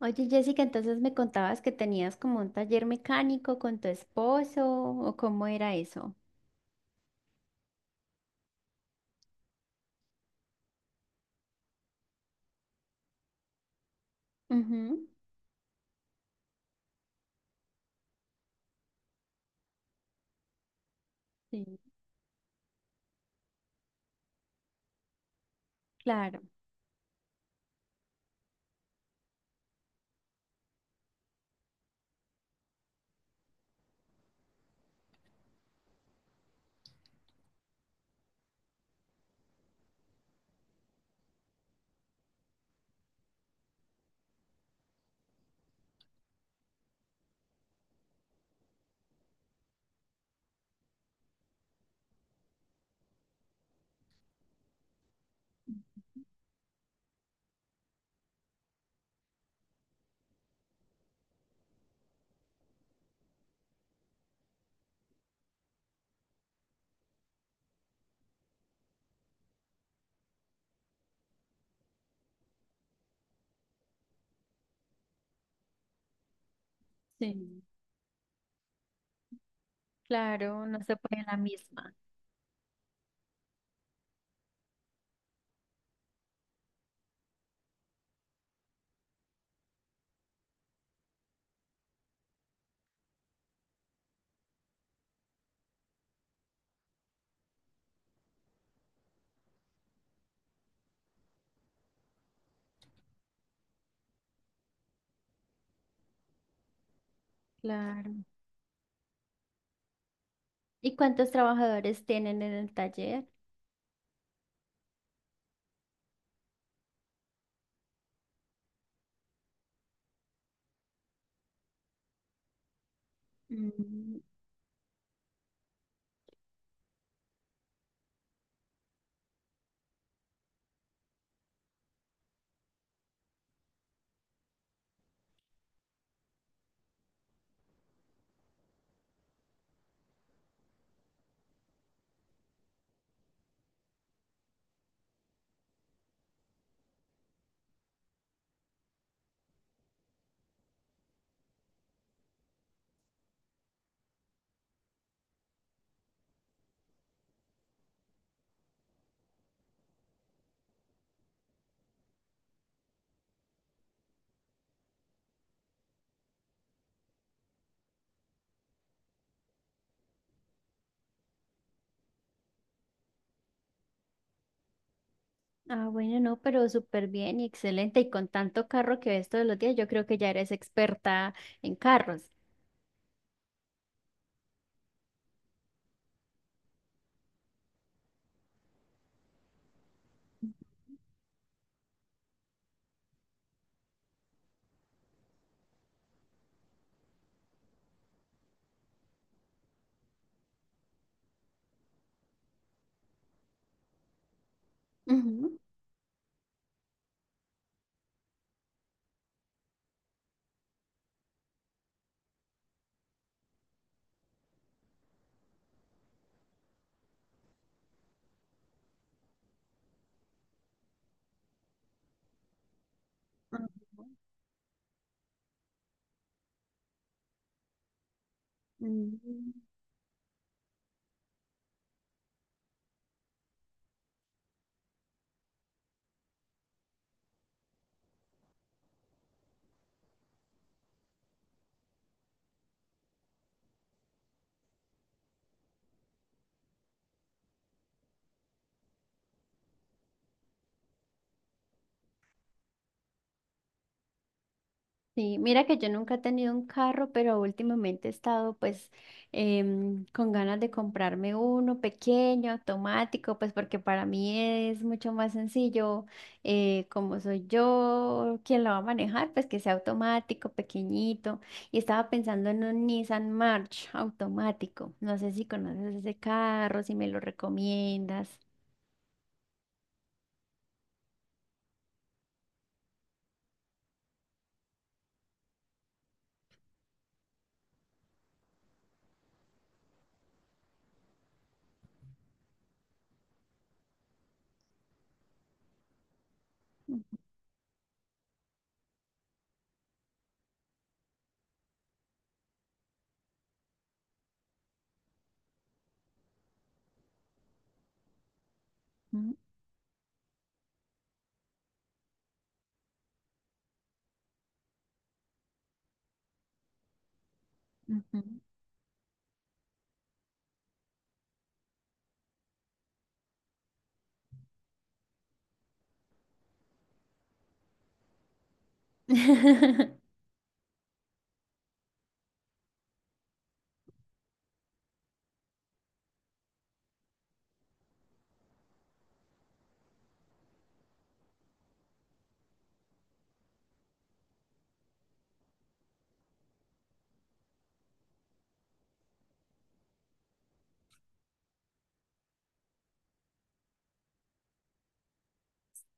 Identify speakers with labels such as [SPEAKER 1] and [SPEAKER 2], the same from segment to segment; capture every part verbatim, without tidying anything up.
[SPEAKER 1] Oye, Jessica, entonces me contabas que tenías como un taller mecánico con tu esposo, ¿o cómo era eso? Ujú. Sí, claro, sí, claro, no se puede la misma. Claro. ¿Y cuántos trabajadores tienen en el taller? Mm. Ah, bueno, no, pero súper bien y excelente. Y con tanto carro que ves todos los días, yo creo que ya eres experta en carros. Ujú, ujú, mm. Sí, mira que yo nunca he tenido un carro, pero últimamente he estado pues em, con ganas de comprarme uno pequeño, automático, pues porque para mí es mucho más sencillo, eh, como soy yo quien lo va a manejar, pues que sea automático, pequeñito. Y estaba pensando en un Nissan March automático. No sé si conoces ese carro, si me lo recomiendas. Ujú, ujú.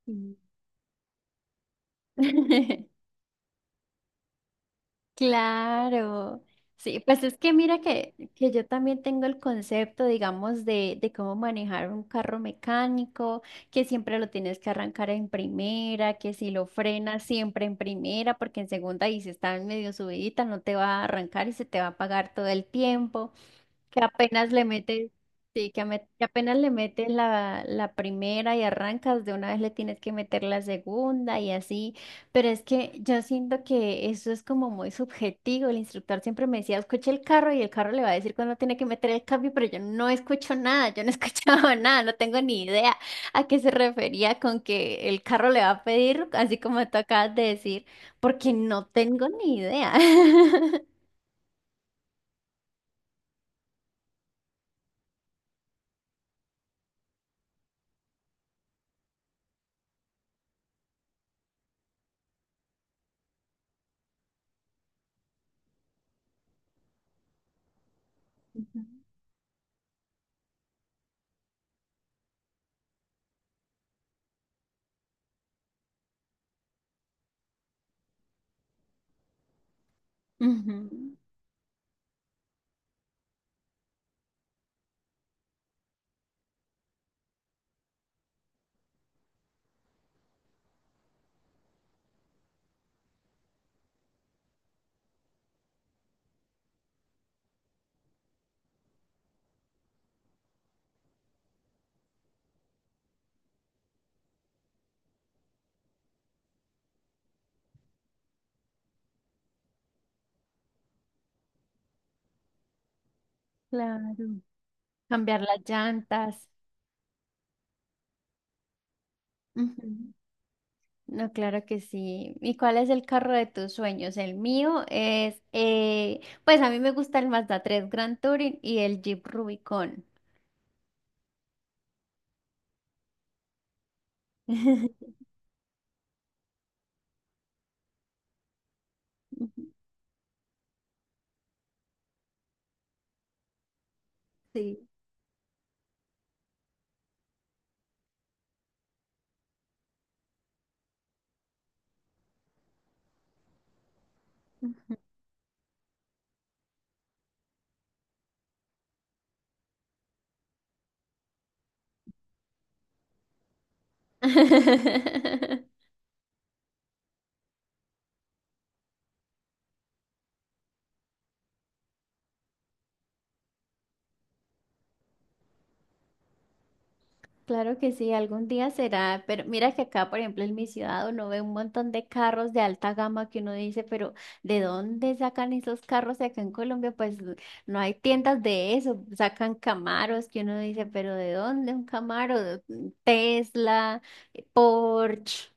[SPEAKER 1] Sí. Claro, sí, pues es que mira que, que yo también tengo el concepto, digamos, de, de cómo manejar un carro mecánico, que siempre lo tienes que arrancar en primera, que si lo frenas siempre en primera, porque en segunda y si está medio subidita no te va a arrancar y se te va a apagar todo el tiempo. Que apenas le metes, Sí, que, ame- que apenas le metes la, la primera y arrancas, de una vez le tienes que meter la segunda y así. Pero es que yo siento que eso es como muy subjetivo. El instructor siempre me decía, escuche el carro y el carro le va a decir cuándo tiene que meter el cambio, pero yo no escucho nada, yo no he escuchado nada, no tengo ni idea a qué se refería con que el carro le va a pedir, así como tú acabas de decir, porque no tengo ni idea. Ujú. Ujú. Claro. Cambiar las llantas. Ujú. No, claro que sí. ¿Y cuál es el carro de tus sueños? El mío es, eh, pues a mí me gusta el Mazda tres Grand Touring y el Jeep Rubicon. Ujú. Sí. Ujú. Claro que sí, algún día será, pero mira que acá, por ejemplo, en mi ciudad uno ve un montón de carros de alta gama que uno dice, pero ¿de dónde sacan esos carros acá en Colombia? Pues no hay tiendas de eso, sacan Camaros que uno dice, pero ¿de dónde un Camaro? Tesla, Porsche,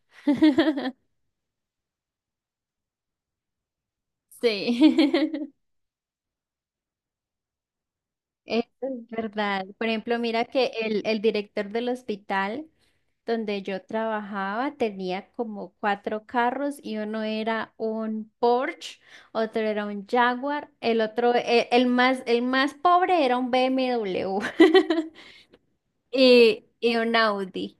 [SPEAKER 1] sí. Eso es verdad. Por ejemplo, mira que el, el director del hospital donde yo trabajaba tenía como cuatro carros y uno era un Porsche, otro era un Jaguar, el otro, e- el, más, el más pobre era un B M W y, y un Audi.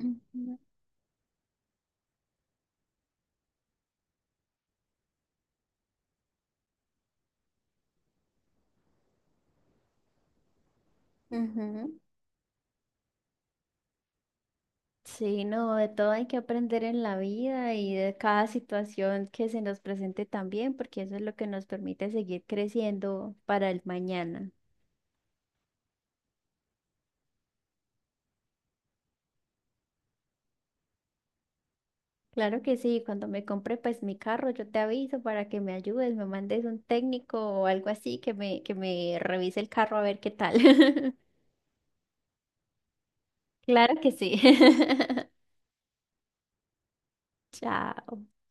[SPEAKER 1] Ujú, ujú. Sí, no, de todo hay que aprender en la vida y de cada situación que se nos presente también, porque eso es lo que nos permite seguir creciendo para el mañana. Claro que sí, cuando me compre pues mi carro, yo te aviso para que me ayudes, me mandes un técnico o algo así que me, que me revise el carro a ver qué tal. Claro que sí. Chao.